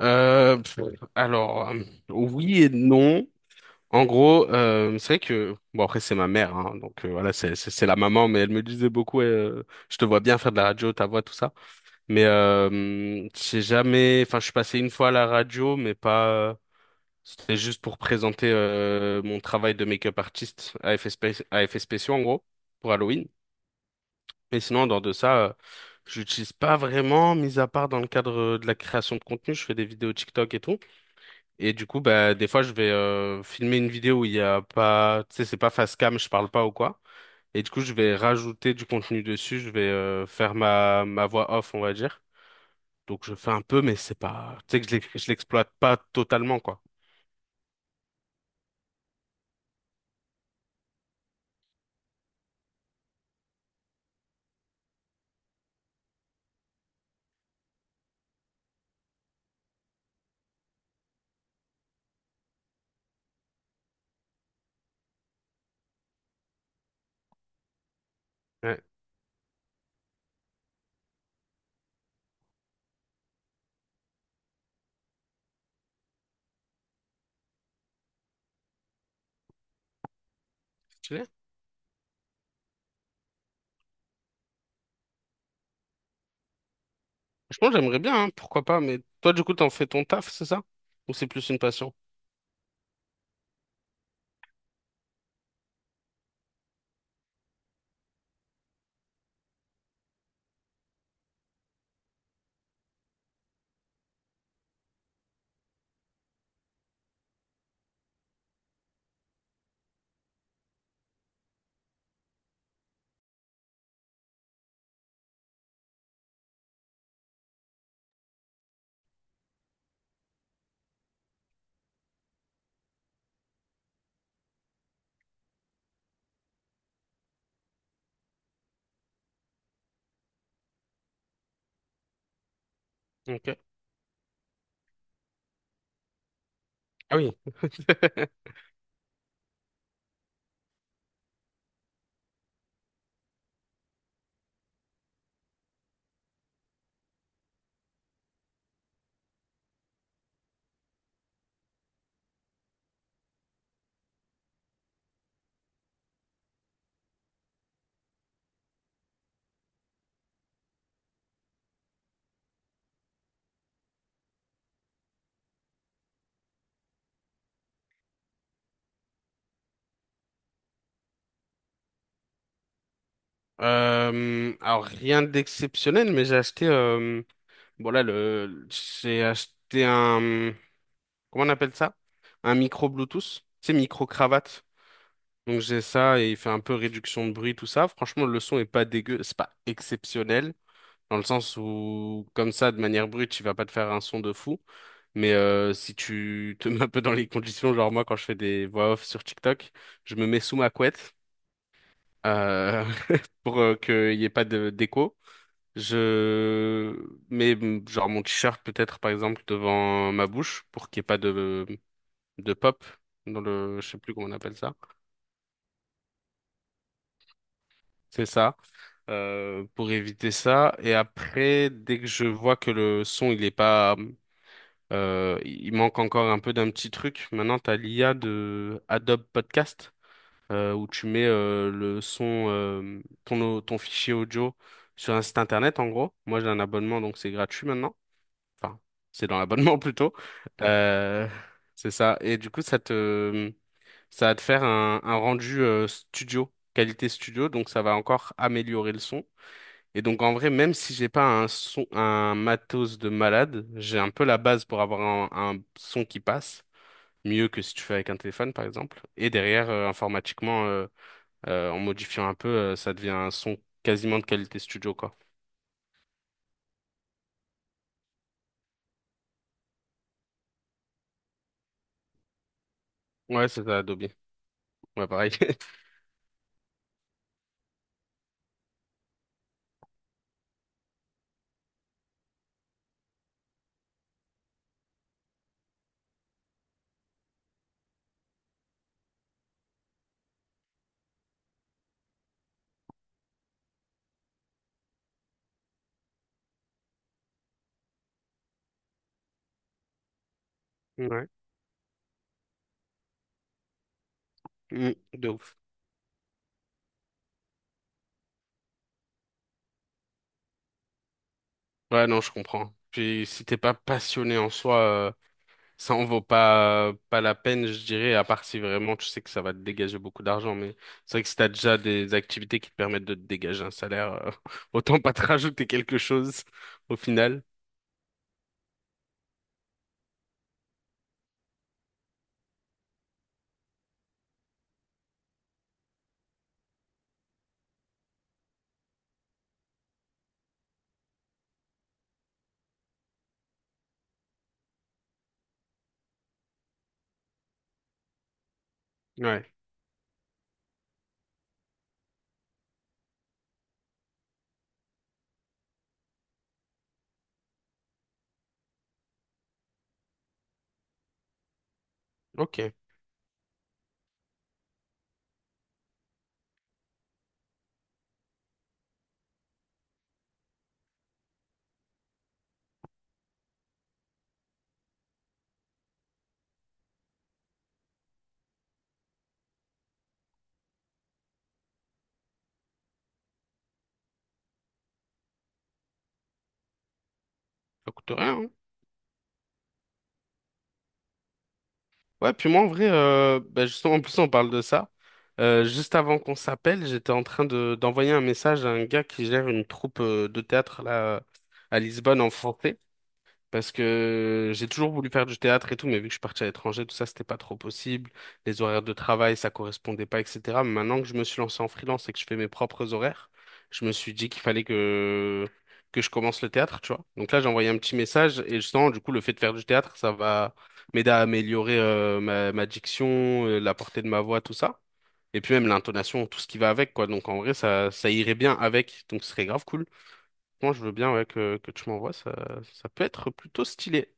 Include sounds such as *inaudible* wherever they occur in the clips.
Euh, pff, alors, euh, oui et non. En gros, c'est vrai que, bon après c'est ma mère, hein, voilà, c'est la maman, mais elle me disait beaucoup, ouais, je te vois bien faire de la radio, ta voix, tout ça. Mais j'ai jamais, enfin je suis passé une fois à la radio, mais pas, c'était juste pour présenter mon travail de make-up artiste à effets spéciaux en gros, pour Halloween. Mais sinon, en dehors de ça, je l'utilise pas vraiment, mis à part dans le cadre de la création de contenu, je fais des vidéos TikTok et tout. Et du coup, bah, des fois, je vais filmer une vidéo où il y a pas, tu sais, c'est pas face cam, je parle pas ou quoi. Et du coup, je vais rajouter du contenu dessus, je vais faire ma voix off, on va dire. Donc, je fais un peu, mais c'est pas, tu sais, que je l'exploite pas totalement, quoi. Ouais. Stylé. Franchement, j'aimerais bien, hein, pourquoi pas. Mais toi, du coup, t'en fais ton taf, c'est ça? Ou c'est plus une passion? Ok. Ah oui. *laughs* Alors rien d'exceptionnel, mais j'ai acheté. Bon là, le, j'ai acheté un. Comment on appelle ça? Un micro Bluetooth, c'est micro cravate. Donc j'ai ça et il fait un peu réduction de bruit, tout ça. Franchement, le son est pas dégueu, c'est pas exceptionnel, dans le sens où, comme ça, de manière brute, il va pas te faire un son de fou. Mais si tu *laughs* te mets un peu dans les conditions, genre moi, quand je fais des voix off sur TikTok, je me mets sous ma couette euh, *laughs* pour qu'il n'y ait pas de d'écho. Je mets mm, genre mon t-shirt peut-être, par exemple, devant ma bouche pour qu'il n'y ait pas de de pop dans le, je sais plus comment on appelle ça. C'est ça. Pour éviter ça. Et après dès que je vois que le son il est pas il manque encore un peu d'un petit truc, maintenant t'as l'IA de Adobe Podcast, où tu mets le son, ton fichier audio sur un site internet. En gros moi j'ai un abonnement donc c'est gratuit maintenant, enfin c'est dans l'abonnement *laughs* plutôt. euh, c'est ça et du coup ça te... Ça va te faire un rendu studio, qualité studio, donc ça va encore améliorer le son. Et donc en vrai, même si j'ai pas un son, un matos de malade, j'ai un peu la base pour avoir un son qui passe, mieux que si tu fais avec un téléphone par exemple. Et derrière, informatiquement, en modifiant un peu, ça devient un son quasiment de qualité studio, quoi. Ouais, c'est ça, Adobe. Ouais, pareil. *laughs* Ouais. Mm, de ouf. Ouais, non, je comprends. Puis si t'es pas passionné en soi, ça en vaut pas la peine, je dirais, à part si vraiment tu sais que ça va te dégager beaucoup d'argent. Mais c'est vrai que si t'as déjà des activités qui te permettent de te dégager un salaire, *laughs* autant pas te rajouter quelque chose au final. Ouais, ok. Ça coûte rien, hein. Ouais, puis moi, en vrai, bah, justement, en plus, on parle de ça. Juste avant qu'on s'appelle, j'étais en train d'envoyer un message à un gars qui gère une troupe, de théâtre, là, à Lisbonne, en France. Parce que j'ai toujours voulu faire du théâtre et tout, mais vu que je suis parti à l'étranger, tout ça, c'était pas trop possible. Les horaires de travail, ça correspondait pas, etc. Mais maintenant que je me suis lancé en freelance et que je fais mes propres horaires, je me suis dit qu'il fallait que je commence le théâtre, tu vois. Donc là, j'ai envoyé un petit message et justement, du coup, le fait de faire du théâtre, ça va m'aider à améliorer ma diction, la portée de ma voix, tout ça. Et puis même l'intonation, tout ce qui va avec, quoi. Donc en vrai, ça irait bien avec. Donc ce serait grave cool. Moi, je veux bien ouais, que tu m'envoies. Ça peut être plutôt stylé.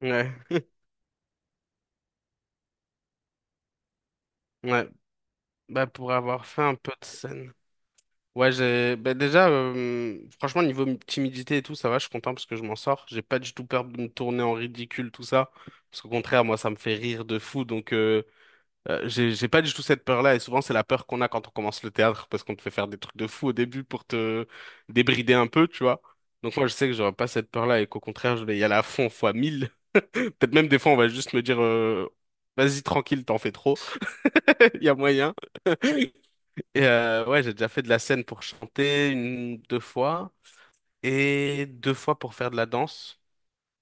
Ouais, *laughs* ouais, bah pour avoir fait un peu de scène. Ouais, j'ai bah déjà franchement timidité et tout, ça va, je suis content parce que je m'en sors, j'ai pas du tout peur de me tourner en ridicule tout ça parce qu'au contraire, moi ça me fait rire de fou j'ai pas du tout cette peur-là et souvent c'est la peur qu'on a quand on commence le théâtre parce qu'on te fait faire des trucs de fou au début pour te débrider un peu, tu vois. Donc moi je sais que j'aurais pas cette peur-là et qu'au contraire, je vais y aller à fond fois 1000. *laughs* Peut-être même des fois on va juste me dire vas-y tranquille, t'en fais trop. *laughs* Il y a moyen. Et ouais, j'ai déjà fait de la scène pour chanter une, deux fois et deux fois pour faire de la danse.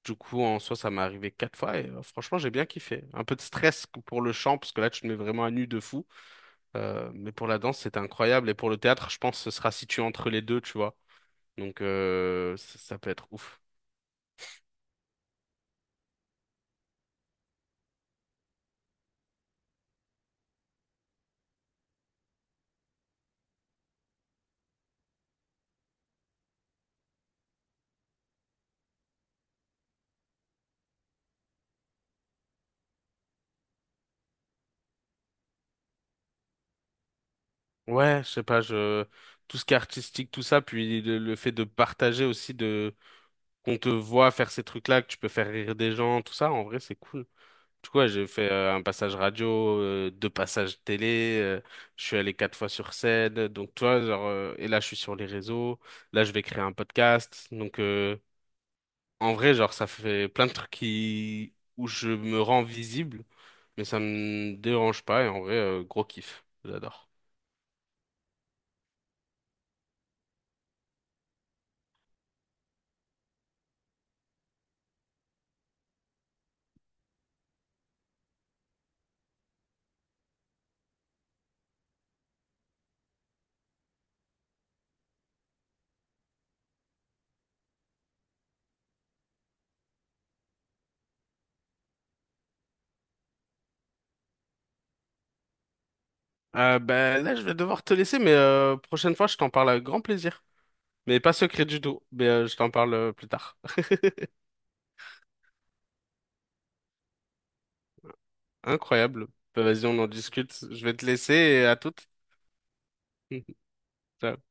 Du coup, en soi, ça m'est arrivé 4 fois et franchement, j'ai bien kiffé. Un peu de stress que pour le chant parce que là, tu te mets vraiment à nu de fou. Mais pour la danse, c'était incroyable. Et pour le théâtre, je pense que ce sera situé entre les deux, tu vois. Donc, ça peut être ouf. Ouais, je sais pas, je... tout ce qui est artistique, tout ça, puis le fait de partager aussi, de qu'on te voit faire ces trucs-là, que tu peux faire rire des gens, tout ça, en vrai, c'est cool. Du coup, ouais, j'ai fait un passage radio, deux passages télé, je suis allé 4 fois sur scène, donc toi, genre, et là je suis sur les réseaux, là je vais créer un podcast, en vrai, genre, ça fait plein de trucs qui... où je me rends visible, mais ça me dérange pas, et en vrai, gros kiff, j'adore. Ben là, je vais devoir te laisser, mais prochaine fois, je t'en parle avec grand plaisir. Mais pas secret du tout, mais je t'en parle plus tard. *laughs* Incroyable. Ben, vas-y, on en discute. Je vais te laisser et à toutes. *laughs* Ciao.